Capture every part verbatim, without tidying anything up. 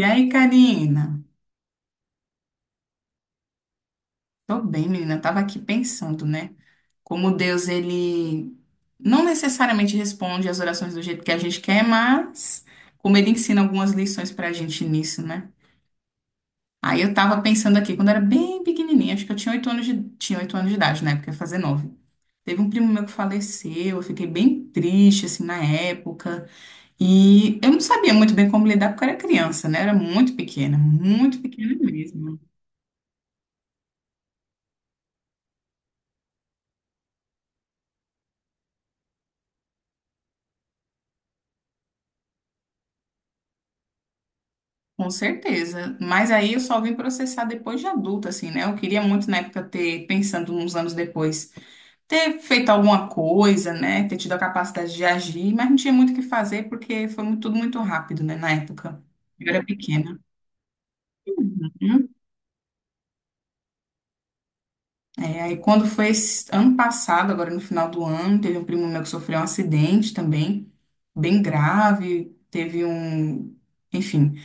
E aí, Karina? Tô bem, menina. Eu tava aqui pensando, né? Como Deus, ele não necessariamente responde às orações do jeito que a gente quer, mas como ele ensina algumas lições pra gente nisso, né? Aí eu tava pensando aqui, quando eu era bem pequenininha, acho que eu tinha oito anos de, tinha oito anos de idade, na época, ia fazer nove. Teve um primo meu que faleceu, eu fiquei bem triste, assim, na época. E eu não sabia muito bem como lidar, porque eu era criança, né? Eu era muito pequena, muito pequena mesmo. Com certeza. Mas aí eu só vim processar depois de adulta, assim, né? Eu queria muito na época ter, pensando uns anos depois, ter feito alguma coisa, né? Ter tido a capacidade de agir, mas não tinha muito o que fazer porque foi mu- tudo muito rápido, né? Na época. Eu era pequena. Uhum. É, aí quando foi esse ano passado, agora no final do ano, teve um primo meu que sofreu um acidente também, bem grave, teve um, enfim.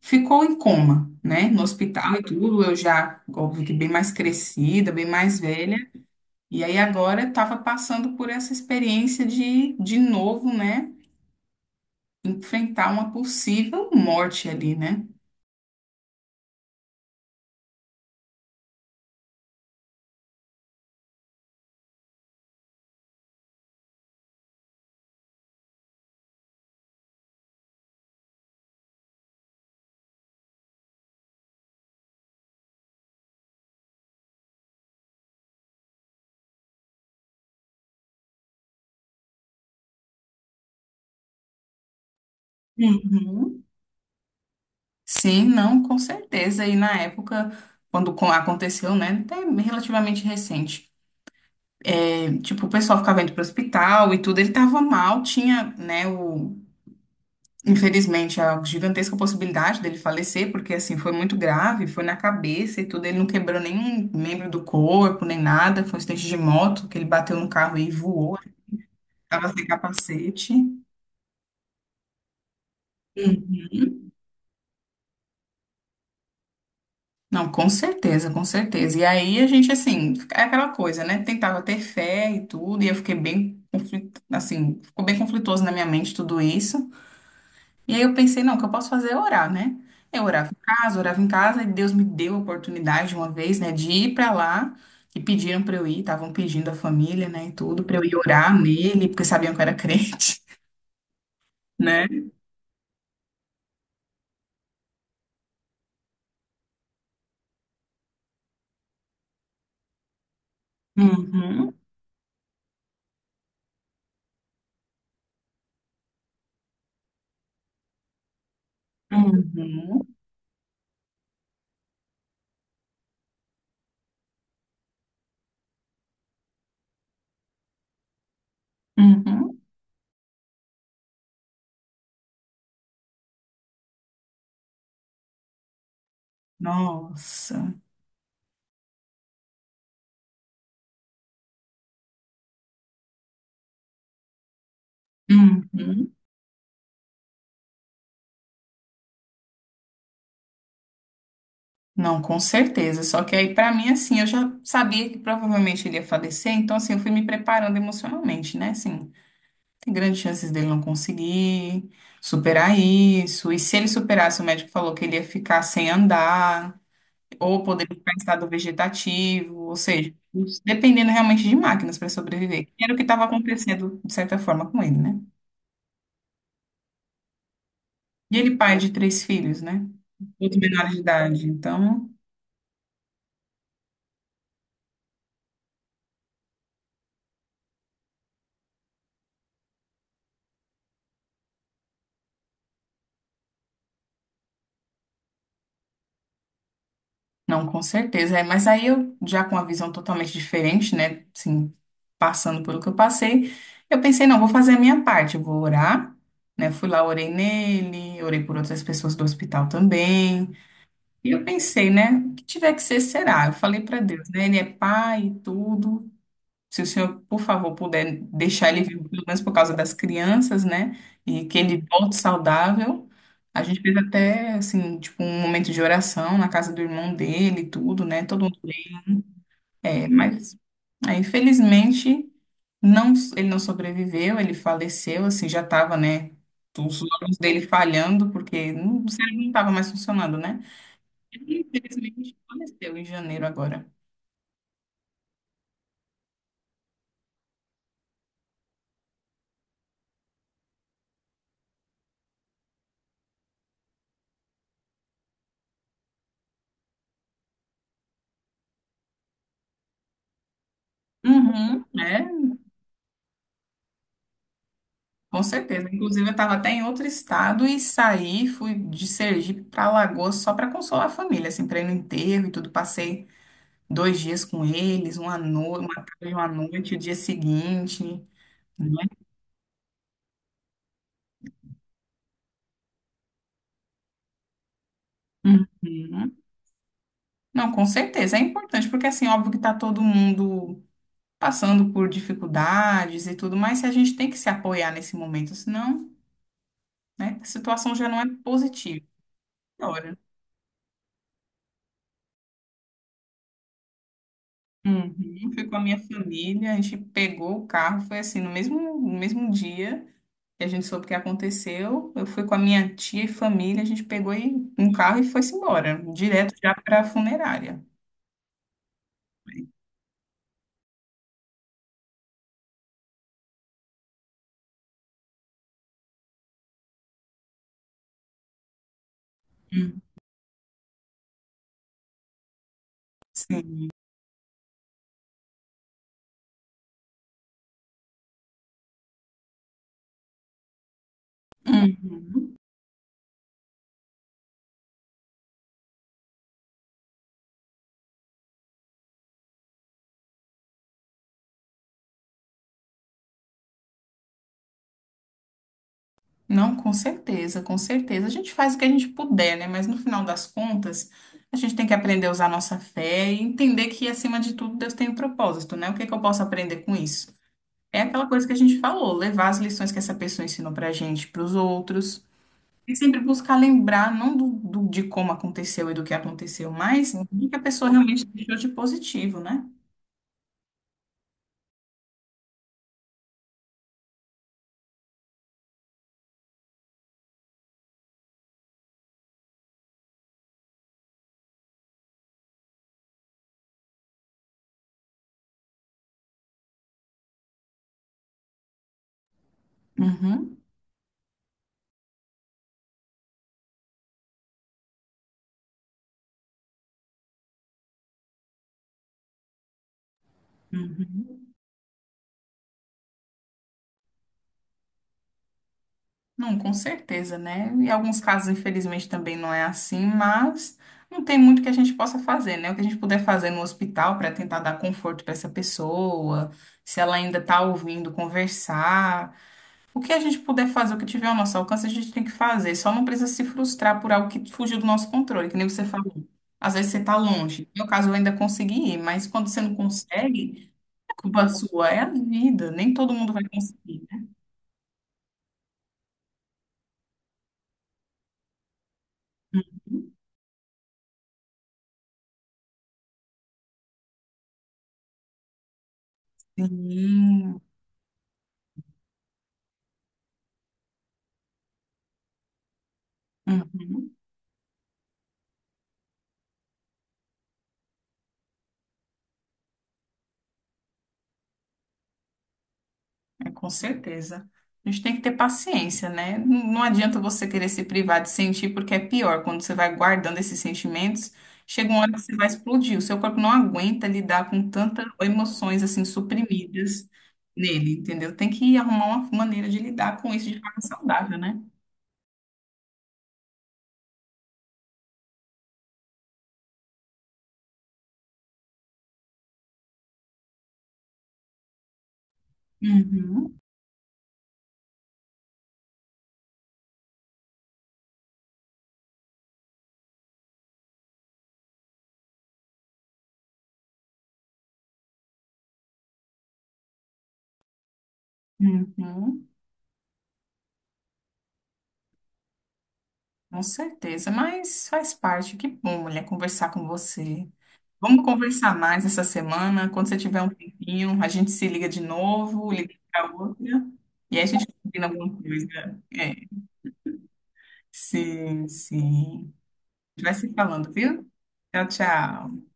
Ficou em coma, né? No hospital e, Uhum. tudo. Eu já, óbvio que bem mais crescida, bem mais velha. E aí agora estava passando por essa experiência de, de novo, né? Enfrentar uma possível morte ali, né? Uhum. Sim, não, com certeza. E na época, quando co- aconteceu, né? Até relativamente recente. É, tipo, o pessoal ficava indo para o hospital e tudo. Ele estava mal, tinha, né? o Infelizmente, a gigantesca possibilidade dele falecer, porque assim, foi muito grave, foi na cabeça e tudo, ele não quebrou nenhum membro do corpo, nem nada, foi um acidente de moto, que ele bateu no carro e voou, estava sem capacete. Uhum. Não, com certeza, com certeza. E aí a gente, assim, é aquela coisa, né? Tentava ter fé e tudo, e eu fiquei bem, conflit- assim, ficou bem conflituoso na minha mente tudo isso. E aí eu pensei, não, o que eu posso fazer é orar, né? Eu orava em casa, orava em casa, e Deus me deu a oportunidade uma vez, né, de ir pra lá, e pediram pra eu ir, estavam pedindo a família, né, e tudo, pra eu ir orar nele, porque sabiam que eu era crente, né? Uhum, uhum, uhum. Nossa. Uhum. Não, com certeza. Só que aí, pra mim, assim, eu já sabia que provavelmente ele ia falecer, então, assim, eu fui me preparando emocionalmente, né, assim. Tem grandes chances dele não conseguir superar isso. E se ele superasse, o médico falou que ele ia ficar sem andar, ou poderia ficar em estado vegetativo, ou seja, dependendo realmente de máquinas para sobreviver. Que era o que estava acontecendo, de certa forma, com ele, né? E ele pai de três filhos, né? Todos menores de idade. Então. Não, com certeza. É, mas aí eu, já com uma visão totalmente diferente, né? Assim, passando pelo que eu passei, eu pensei, não, vou fazer a minha parte, eu vou orar, né? Fui lá, orei nele, orei por outras pessoas do hospital também. E eu pensei, né? O que tiver que ser, será. Eu falei para Deus, né? Ele é pai e tudo. Se o senhor, por favor, puder deixar ele vivo, pelo menos por causa das crianças, né? E que ele volte saudável. A gente fez até, assim, tipo, um momento de oração na casa do irmão dele, e tudo, né? Todo mundo. É, mas, aí, infelizmente, não, ele não sobreviveu, ele faleceu, assim, já estava, né? Os órgãos dele falhando, porque não- o cérebro não estava mais funcionando, né? Ele, infelizmente, faleceu em janeiro agora. Uhum, com certeza. Inclusive, eu estava até em outro estado e saí, fui de Sergipe para Alagoas só para consolar a família, assim, para ir no enterro e tudo. Passei dois dias com eles, uma noite, uma tarde, uma noite, o dia seguinte, né? Uhum. Não, com certeza. É importante, porque assim, óbvio que está todo mundo passando por dificuldades e tudo, mas a gente tem que se apoiar nesse momento, senão, né, a situação já não é positiva. Uhum. Fui com a minha família, a gente pegou o carro, foi assim, no mesmo, no mesmo dia que a gente soube o que aconteceu, eu fui com a minha tia e família, a gente pegou e- um carro e foi-se embora, direto já para a funerária. Hum, Sim. Uhum. Não, com certeza, com certeza. A gente faz o que a gente puder, né? Mas no final das contas, a gente tem que aprender a usar a nossa fé e entender que, acima de tudo, Deus tem um propósito, né? O que que eu posso aprender com isso? É aquela coisa que a gente falou, levar as lições que essa pessoa ensinou pra gente, pros outros. E sempre buscar lembrar, não do, do- de como aconteceu e do que aconteceu, mas do que a pessoa realmente deixou de positivo, né? Uhum. Uhum. Não, com certeza, né? Em alguns casos, infelizmente, também não é assim, mas não tem muito que a gente possa fazer, né? O que a gente puder fazer no hospital para tentar dar conforto para essa pessoa, se ela ainda está ouvindo, conversar. O que a gente puder fazer, o que tiver ao nosso alcance, a gente tem que fazer. Só não precisa se frustrar por algo que fugiu do nosso controle, que nem você falou. Às vezes você está longe. No meu caso, eu ainda consegui ir, mas quando você não consegue, é culpa sua, é a vida. Nem todo mundo vai conseguir, né? Sim. Uhum. É, com certeza. A gente tem que ter paciência, né? Não não adianta você querer se privar de sentir, porque é pior. Quando você vai guardando esses sentimentos, chega uma hora que você vai explodir. O seu corpo não aguenta lidar com tantas emoções assim suprimidas nele, entendeu? Tem que arrumar uma maneira de lidar com isso de forma saudável, né? Uhum, uhum, com certeza. Mas faz parte. Que bom, mulher, conversar com você. Vamos conversar mais essa semana. Quando você tiver um tempinho, a gente se liga de novo, liga para outra, e aí a gente combina alguma coisa. É. Sim, sim. A gente vai se falando, viu? Tchau, tchau.